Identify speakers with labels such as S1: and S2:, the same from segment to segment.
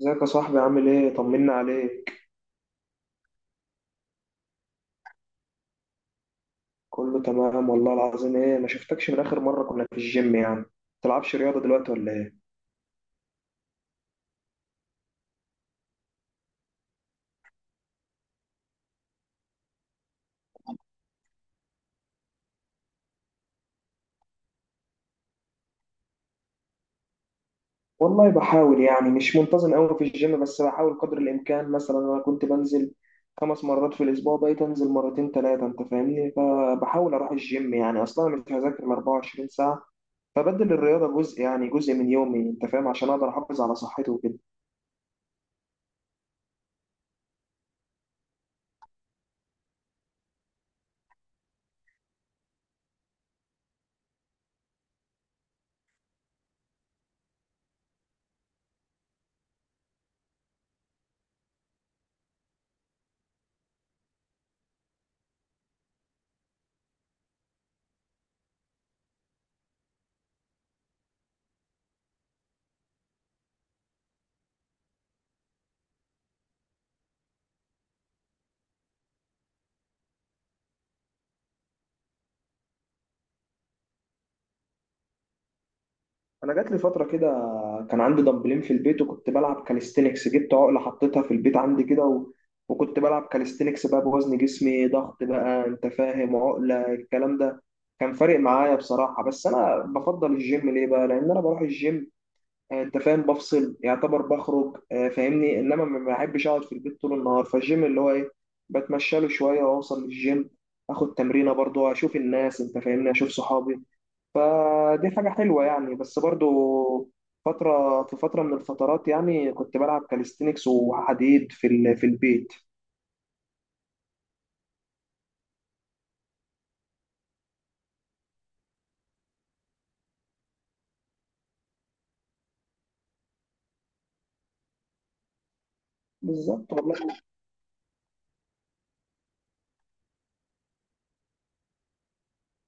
S1: ازيك يا صاحبي؟ عامل ايه؟ طمنا عليك. كله تمام والله العظيم. ايه، ما شفتكش من اخر مره كنا في الجيم. تلعبش رياضه دلوقتي ولا ايه؟ والله بحاول، يعني مش منتظم قوي في الجيم، بس بحاول قدر الامكان. مثلا انا كنت بنزل خمس مرات في الاسبوع، بقيت انزل مرتين ثلاثه، انت فاهمني. فبحاول اروح الجيم، يعني اصلا أنا مش هذاكر ال 24 ساعه، فبدل الرياضه جزء، جزء من يومي، انت فاهم، عشان اقدر احافظ على صحتي وكده. انا جات لي فتره كده كان عندي دمبلين في البيت، وكنت بلعب كاليستينكس، جبت عقله حطيتها في البيت عندي كده وكنت بلعب كاليستينكس بقى بوزن جسمي، ضغط بقى انت فاهم، عقله، الكلام ده كان فارق معايا بصراحه. بس انا بفضل الجيم ليه بقى؟ لان انا بروح الجيم، انت فاهم، بفصل يعتبر، بخرج، فاهمني. انما ما بحبش اقعد في البيت طول النهار، فالجيم اللي هو ايه، بتمشى له شويه واوصل للجيم، اخد تمرينه، برضو اشوف الناس انت فاهمني، اشوف صحابي، فدي حاجة حلوة يعني. بس برضو فترة في فترة من الفترات يعني كنت بلعب كاليستينكس وحديد في في البيت. بالظبط والله.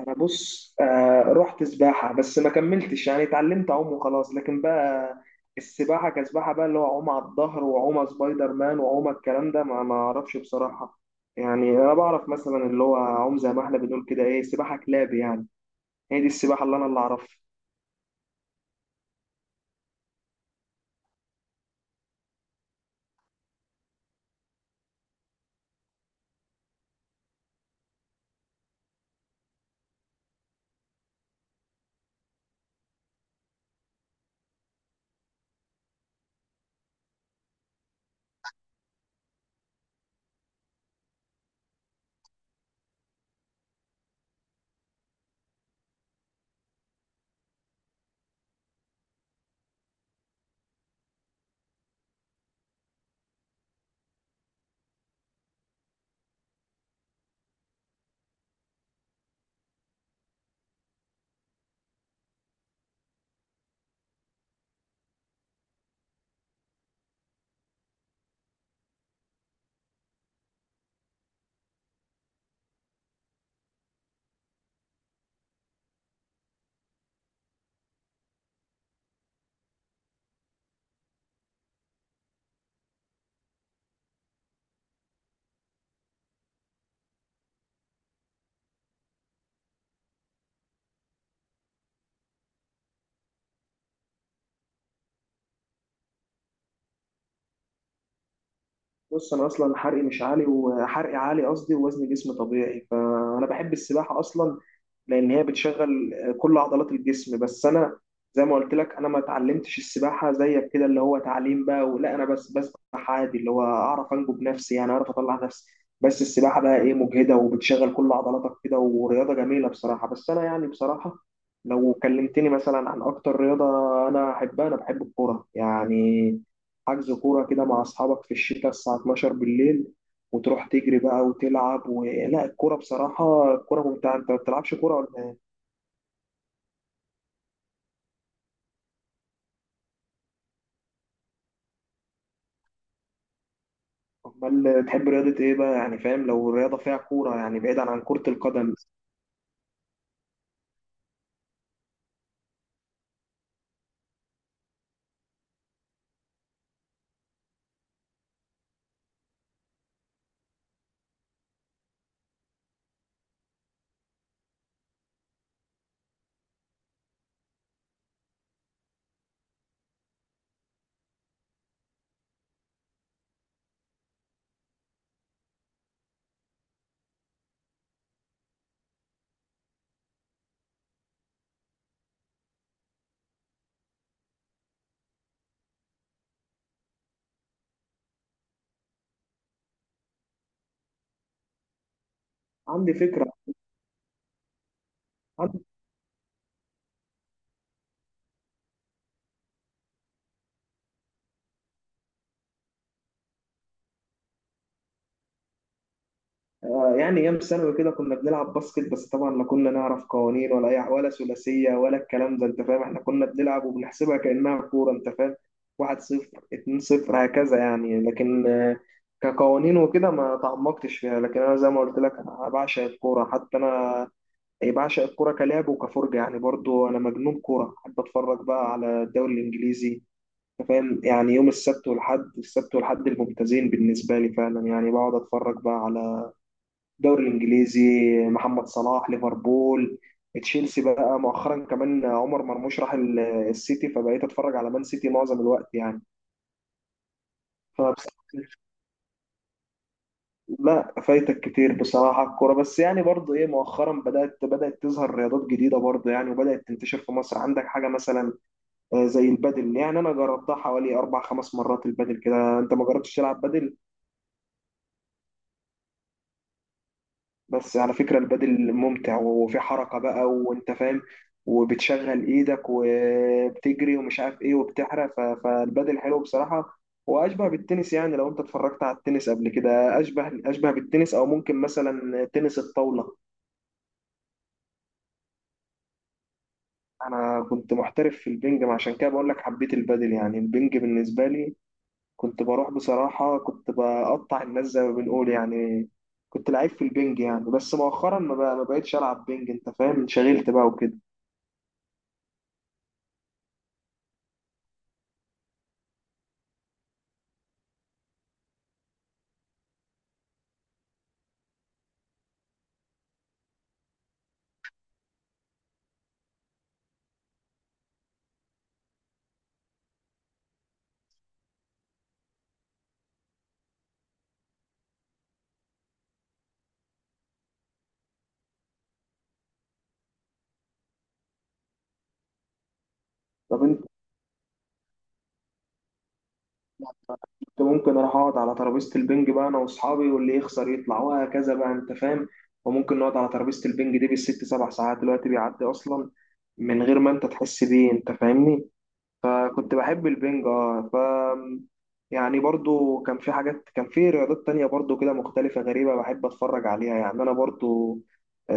S1: أنا بص، رحت سباحة بس ما كملتش، يعني اتعلمت أعوم وخلاص، لكن بقى السباحة كسباحة بقى، اللي هو أعوم على الظهر وأعوم سبايدر مان وأعوم الكلام ده، ما أعرفش بصراحة. يعني أنا بعرف مثلا اللي هو أعوم زي ما إحنا بنقول كده إيه، سباحة كلاب يعني، هي دي السباحة اللي أنا اللي أعرفها. بص انا اصلا حرقي مش عالي، وحرقي عالي قصدي، ووزن جسمي طبيعي. فانا بحب السباحه اصلا لان هي بتشغل كل عضلات الجسم. بس انا زي ما قلت لك انا ما اتعلمتش السباحه زيك كده، اللي هو تعليم بقى، ولا انا بس بسبح عادي اللي هو اعرف انجو بنفسي، يعني اعرف اطلع نفسي. بس السباحه بقى ايه، مجهده وبتشغل كل عضلاتك كده، ورياضه جميله بصراحه. بس انا يعني بصراحه لو كلمتني مثلا عن اكتر رياضه انا احبها، انا بحب الكوره يعني. حجز كورة كده مع أصحابك في الشتاء الساعة 12 بالليل، وتروح تجري بقى وتلعب لا، الكورة بصراحة الكورة ممتعة. أنت ما بتلعبش كورة ولا إيه؟ أمال تحب رياضة إيه بقى؟ يعني فاهم، لو الرياضة فيها كورة يعني، بعيدا عن كرة القدم. عندي فكرة. يعني ايام ثانوي كده كنا بنلعب باسكت، بس طبعا لا كنا نعرف قوانين ولا أي، ولا ثلاثيه ولا الكلام ده انت فاهم، احنا كنا بنلعب وبنحسبها كانها كوره انت فاهم. 1-0، 2-0، هكذا يعني. لكن كقوانين وكده ما تعمقتش فيها. لكن انا زي ما قلت لك، أنا بعشق الكوره، حتى انا أي بعشق الكوره كلعب وكفرجه يعني. برضو انا مجنون كوره، احب اتفرج بقى على الدوري الانجليزي، أنت فاهم يعني. يوم السبت والحد، الممتازين بالنسبه لي فعلا يعني، بقعد اتفرج بقى على الدوري الانجليزي. محمد صلاح ليفربول، تشيلسي بقى، مؤخرا كمان عمر مرموش راح السيتي، فبقيت اتفرج على مان سيتي معظم الوقت يعني. فبصراحة لا، فايتك كتير بصراحة الكورة. بس يعني برضو ايه، مؤخرا بدأت تظهر رياضات جديدة برضو يعني، وبدأت تنتشر في مصر. عندك حاجة مثلا زي البادل. يعني انا جربتها حوالي اربع خمس مرات البادل كده. انت ما جربتش تلعب بادل؟ بس على فكرة البادل ممتع، وفي حركة بقى وانت فاهم، وبتشغل ايدك وبتجري ومش عارف ايه، وبتحرق. فالبادل حلو بصراحة، واشبه بالتنس يعني. لو انت اتفرجت على التنس قبل كده، اشبه بالتنس، او ممكن مثلا تنس الطاولة. انا كنت محترف في البنج، ما عشان كده بقول لك حبيت البادل. يعني البنج بالنسبة لي، كنت بروح بصراحة كنت بقطع الناس زي ما بنقول يعني، كنت لعيب في البنج يعني. بس مؤخرا ما بقتش العب بنج انت فاهم، انشغلت بقى وكده. طب انت كنت ممكن اروح اقعد على ترابيزه البنج بقى انا واصحابي، واللي يخسر يطلع وهكذا بقى انت فاهم. وممكن نقعد على ترابيزه البنج دي بالست سبع ساعات، دلوقتي بيعدي اصلا من غير ما انت تحس بيه انت فاهمني. فكنت بحب البنج اه. ف يعني برضو كان في حاجات، كان في رياضات تانية برضو كده مختلفة غريبة بحب اتفرج عليها يعني. انا برضو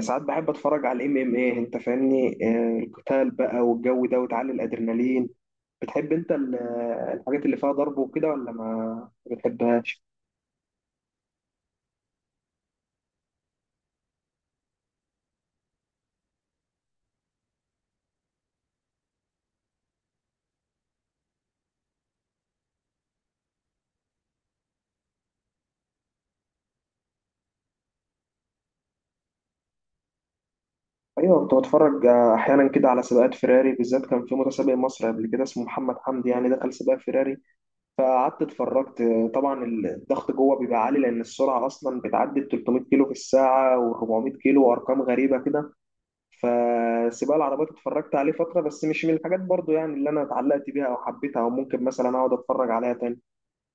S1: ساعات بحب اتفرج على الMMA، انت فاهمني، القتال بقى والجو ده، وتعلي الادرينالين. بتحب انت الحاجات اللي فيها ضرب وكده ولا ما بتحبهاش؟ ايوه، كنت بتفرج احيانا كده على سباقات فيراري، بالذات كان في متسابق مصري قبل كده اسمه محمد حمدي يعني دخل سباق فيراري، فقعدت اتفرجت. طبعا الضغط جوه بيبقى عالي لان السرعه اصلا بتعدي ال 300 كيلو في الساعه و400 كيلو، وارقام غريبه كده. فسباق العربيات اتفرجت عليه فتره، بس مش من الحاجات برضو يعني اللي انا اتعلقت بيها او حبيتها، او ممكن مثلا اقعد اتفرج عليها تاني.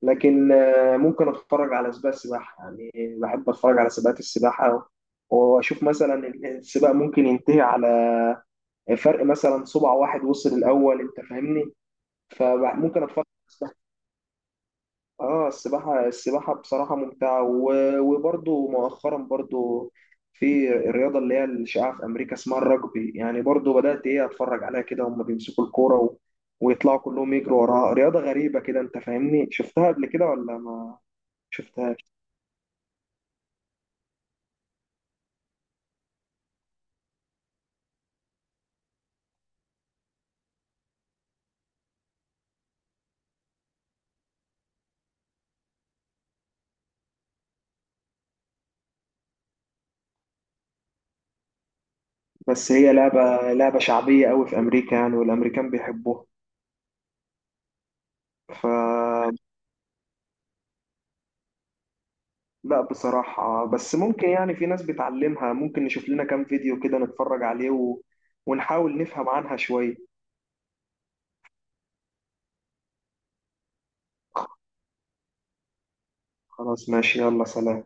S1: لكن ممكن اتفرج على سباق سباحه يعني، بحب اتفرج على سباقات السباحه، واشوف مثلا السباق ممكن ينتهي على فرق مثلا صبع واحد، وصل الاول انت فاهمني. فممكن اتفرج على السباحه. اه، السباحه بصراحه ممتعه. وبرضو مؤخرا برضو في الرياضه اللي هي الشائعه في امريكا اسمها الرجبي يعني، برضو بدات ايه اتفرج عليها كده. هم بيمسكوا الكوره ويطلعوا كلهم يجروا وراها، رياضه غريبه كده انت فاهمني. شفتها قبل كده ولا ما شفتها؟ بس هي لعبة شعبية قوي في أمريكا يعني، والأمريكان بيحبوها. ف لا بصراحة، بس ممكن يعني في ناس بتعلمها، ممكن نشوف لنا كام فيديو كده نتفرج عليه ونحاول نفهم عنها شوية. خلاص ماشي، يلا سلام.